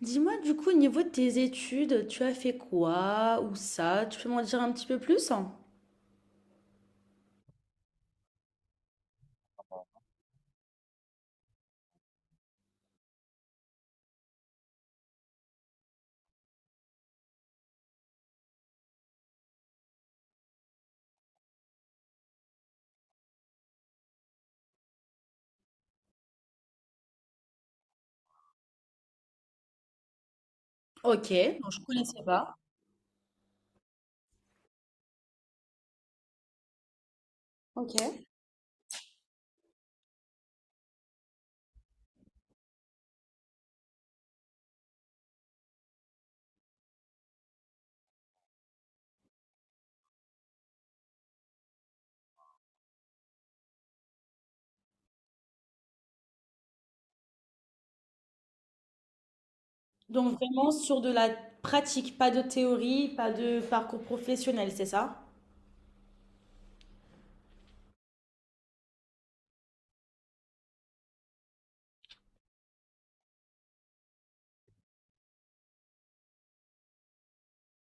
Dis-moi, du coup, au niveau de tes études, tu as fait quoi ou ça? Tu peux m'en dire un petit peu plus? Ok, donc je connaissais pas. Ok. Donc vraiment sur de la pratique, pas de théorie, pas de parcours professionnel, c'est ça?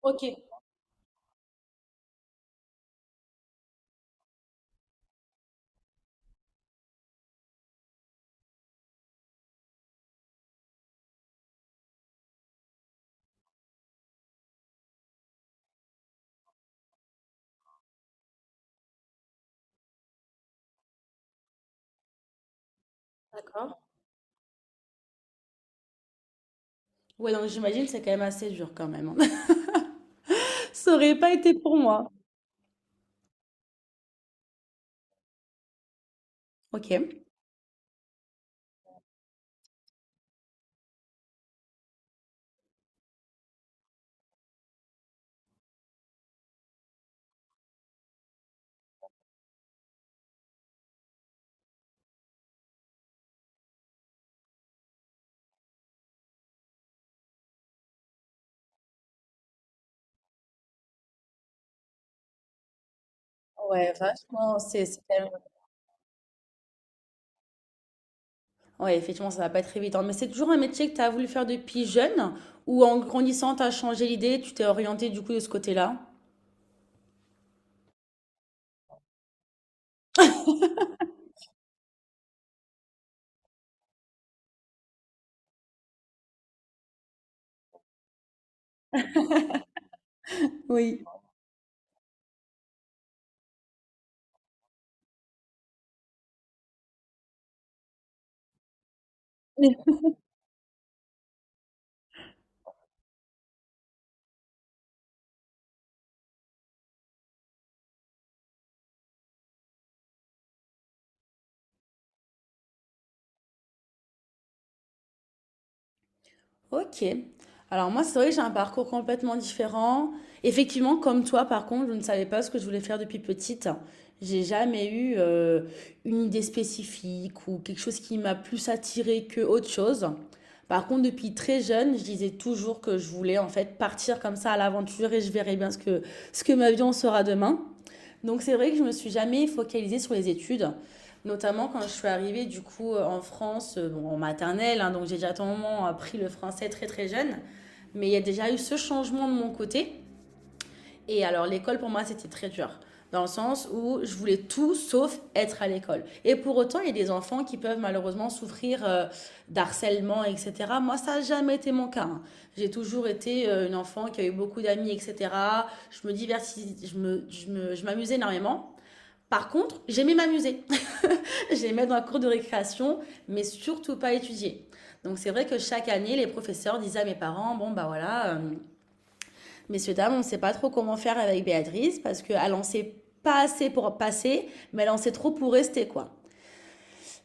Ok, d'accord. Ouais, donc j'imagine que c'est quand même assez dur quand même, hein. Ça aurait pas été pour moi. Ok. Ouais, vachement, c'est quand même... Ouais, effectivement, ça va pas être évident. Mais c'est toujours un métier que tu as voulu faire depuis jeune ou en grandissant, tu as changé l'idée, tu t'es orienté du coup de ce côté-là? Oui. Ok. Alors moi, c'est vrai que j'ai un parcours complètement différent. Effectivement, comme toi, par contre, je ne savais pas ce que je voulais faire depuis petite. J'ai jamais eu une idée spécifique ou quelque chose qui m'a plus attirée que autre chose. Par contre, depuis très jeune, je disais toujours que je voulais en fait partir comme ça à l'aventure et je verrai bien ce que ma vie en sera demain. Donc c'est vrai que je me suis jamais focalisée sur les études, notamment quand je suis arrivée du coup en France, bon, en maternelle, hein, donc j'ai déjà à un moment appris le français très très jeune, mais il y a déjà eu ce changement de mon côté. Et alors l'école pour moi c'était très dur, dans le sens où je voulais tout sauf être à l'école. Et pour autant il y a des enfants qui peuvent malheureusement souffrir d'harcèlement, etc. Moi ça n'a jamais été mon cas, hein. J'ai toujours été une enfant qui a eu beaucoup d'amis, etc. Je me divertis, je me- je me- Je m'amusais énormément. Par contre, j'aimais m'amuser. J'aimais être dans la cour de récréation, mais surtout pas étudier. Donc c'est vrai que chaque année, les professeurs disaient à mes parents: bon bah voilà, messieurs, dames, on ne sait pas trop comment faire avec Béatrice, parce qu'elle en sait pas assez pour passer, mais elle en sait trop pour rester, quoi.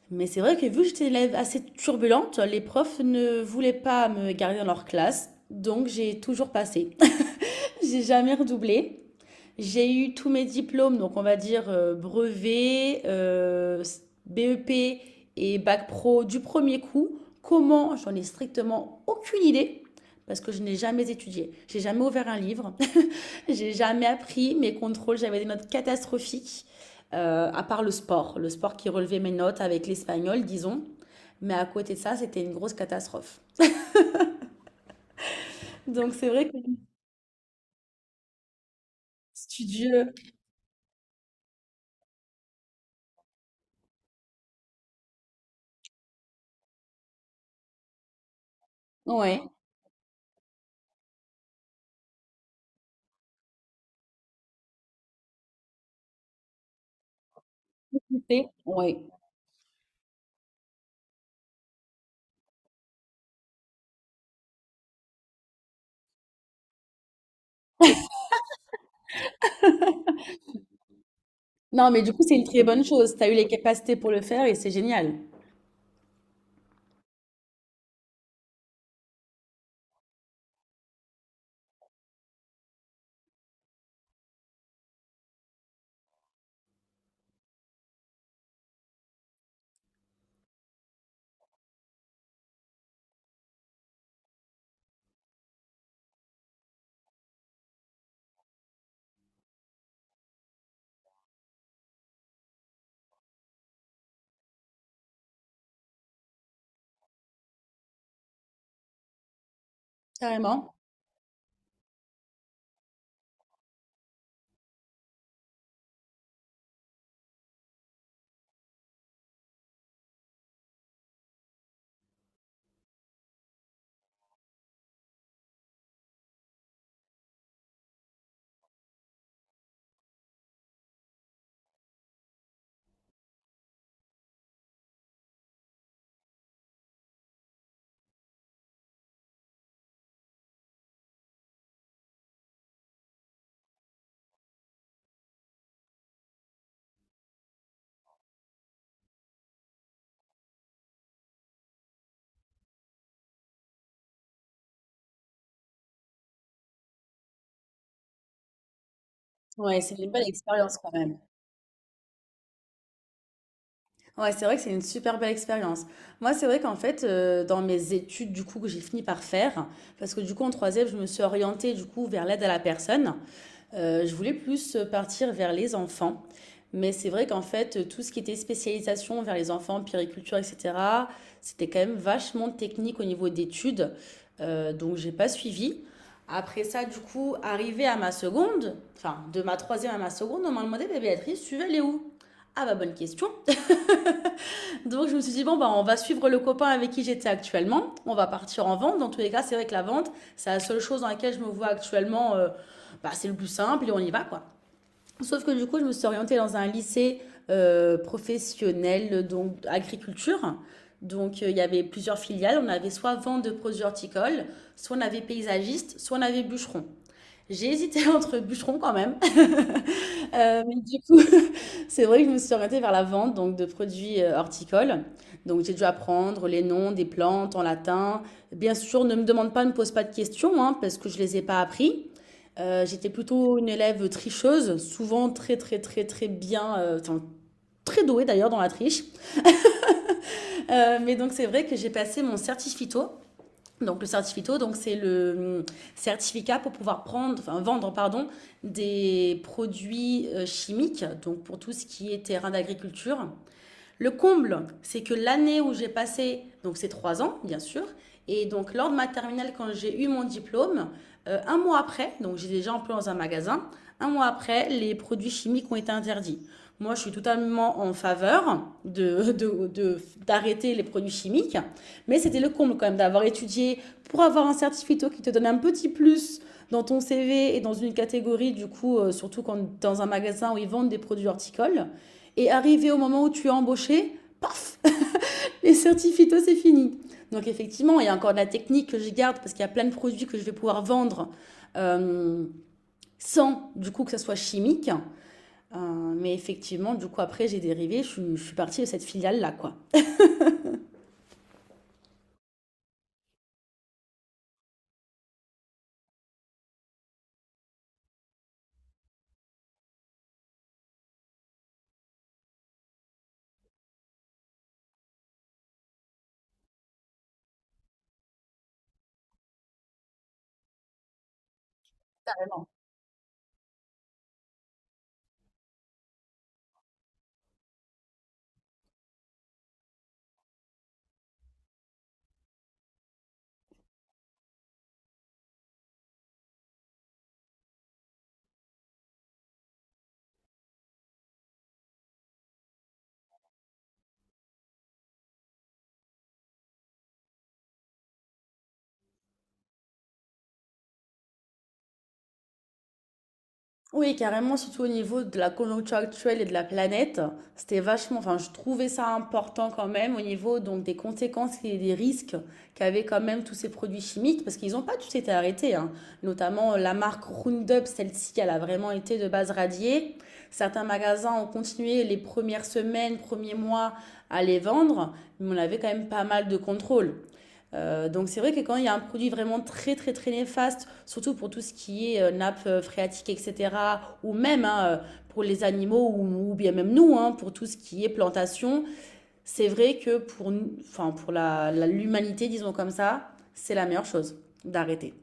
Mais c'est vrai que vu que j'étais une élève assez turbulente, les profs ne voulaient pas me garder dans leur classe, donc j'ai toujours passé. J'ai jamais redoublé. J'ai eu tous mes diplômes, donc on va dire brevet, BEP et bac pro du premier coup. Comment? J'en ai strictement aucune idée parce que je n'ai jamais étudié. J'ai jamais ouvert un livre, j'ai jamais appris mes contrôles, j'avais des notes catastrophiques à part le sport qui relevait mes notes avec l'espagnol, disons. Mais à côté de ça, c'était une grosse catastrophe. Donc c'est vrai que studieux, ouais, ouais. Non, mais du coup, c'est une très bonne chose. Tu as eu les capacités pour le faire et c'est génial. Carrément. Ouais, c'est une belle expérience quand même. Ouais, c'est vrai que c'est une super belle expérience. Moi, c'est vrai qu'en fait, dans mes études, du coup, que j'ai fini par faire, parce que du coup, en troisième, je me suis orientée, du coup, vers l'aide à la personne. Je voulais plus partir vers les enfants, mais c'est vrai qu'en fait, tout ce qui était spécialisation vers les enfants, périculture, etc., c'était quand même vachement technique au niveau d'études, donc j'ai pas suivi. Après ça, du coup, arrivé à ma seconde, enfin de ma troisième à ma seconde, on m'a demandé: bah, Béatrice, tu veux aller où? Ah bah bonne question. Donc je me suis dit bon bah on va suivre le copain avec qui j'étais actuellement. On va partir en vente. Dans tous les cas c'est vrai que la vente c'est la seule chose dans laquelle je me vois actuellement. Euh, bah c'est le plus simple et on y va quoi. Sauf que du coup, je me suis orientée dans un lycée professionnel, donc agriculture. Donc, il y avait plusieurs filiales. On avait soit vente de produits horticoles, soit on avait paysagiste, soit on avait bûcheron. J'ai hésité entre bûcheron quand même. Mais du coup, c'est vrai que je me suis orientée vers la vente donc, de produits horticoles. Donc, j'ai dû apprendre les noms des plantes en latin. Bien sûr, ne me demande pas, ne me pose pas de questions, hein, parce que je ne les ai pas appris. J'étais plutôt une élève tricheuse, souvent très très très très bien, enfin, très douée d'ailleurs dans la triche. Mais donc c'est vrai que j'ai passé mon certificato. Donc le certificato, donc c'est le certificat pour pouvoir prendre, enfin, vendre pardon, des produits chimiques, donc pour tout ce qui est terrain d'agriculture. Le comble, c'est que l'année où j'ai passé, donc c'est trois ans, bien sûr, et donc lors de ma terminale, quand j'ai eu mon diplôme, un mois après, donc j'ai déjà employé dans un magasin, un mois après, les produits chimiques ont été interdits. Moi, je suis totalement en faveur d'arrêter les produits chimiques, mais c'était le comble quand même d'avoir étudié pour avoir un certificat qui te donne un petit plus dans ton CV et dans une catégorie, du coup, surtout quand, dans un magasin où ils vendent des produits horticoles. Et arrivé au moment où tu es embauché, paf, les certificats, c'est fini. Donc effectivement, il y a encore de la technique que je garde parce qu'il y a plein de produits que je vais pouvoir vendre euh, sans du coup que ça soit chimique. Mais effectivement, du coup, après, j'ai dérivé, je suis partie de cette filiale-là, quoi. Oui, carrément, surtout au niveau de la conjoncture actuelle et de la planète, c'était vachement, enfin, je trouvais ça important quand même au niveau donc des conséquences et des risques qu'avaient quand même tous ces produits chimiques, parce qu'ils n'ont pas tous été arrêtés, hein. Notamment la marque Roundup, celle-ci, elle a vraiment été de base radiée. Certains magasins ont continué les premières semaines, premiers mois à les vendre, mais on avait quand même pas mal de contrôle. Donc c'est vrai que quand il y a un produit vraiment très très très néfaste, surtout pour tout ce qui est nappe phréatique, etc., ou même hein, pour les animaux, ou bien même nous, hein, pour tout ce qui est plantation, c'est vrai que pour, enfin, pour l'humanité, disons comme ça, c'est la meilleure chose d'arrêter.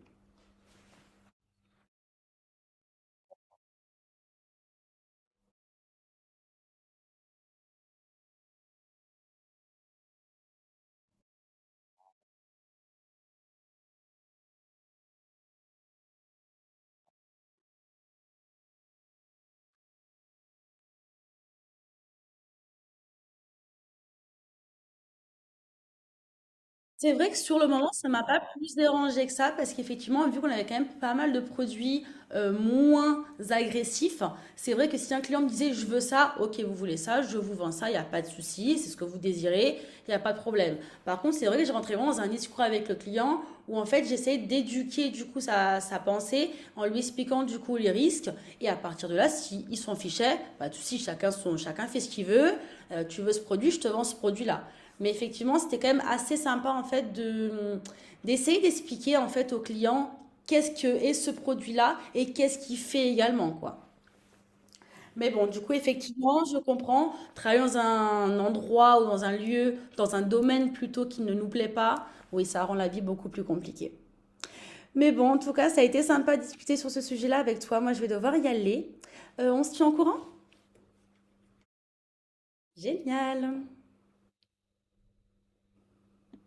C'est vrai que sur le moment, ça m'a pas plus dérangé que ça parce qu'effectivement, vu qu'on avait quand même pas mal de produits moins agressifs, c'est vrai que si un client me disait je veux ça, ok, vous voulez ça, je vous vends ça, il n'y a pas de souci, c'est ce que vous désirez, il n'y a pas de problème. Par contre, c'est vrai que j'ai rentré vraiment dans un discours avec le client où en fait j'essayais d'éduquer du coup sa, sa pensée en lui expliquant du coup les risques et à partir de là, s'il s'en fichait, pas de souci, chacun, son, chacun fait ce qu'il veut. Tu veux ce produit, je te vends ce produit-là. Mais effectivement, c'était quand même assez sympa en fait de d'essayer d'expliquer en fait aux clients qu'est-ce que est ce produit-là et qu'est-ce qu'il fait également quoi. Mais bon, du coup, effectivement, je comprends. Travailler dans un endroit ou dans un lieu, dans un domaine plutôt qui ne nous plaît pas, oui, ça rend la vie beaucoup plus compliquée. Mais bon, en tout cas, ça a été sympa de discuter sur ce sujet-là avec toi. Moi, je vais devoir y aller. On se tient au courant. Génial.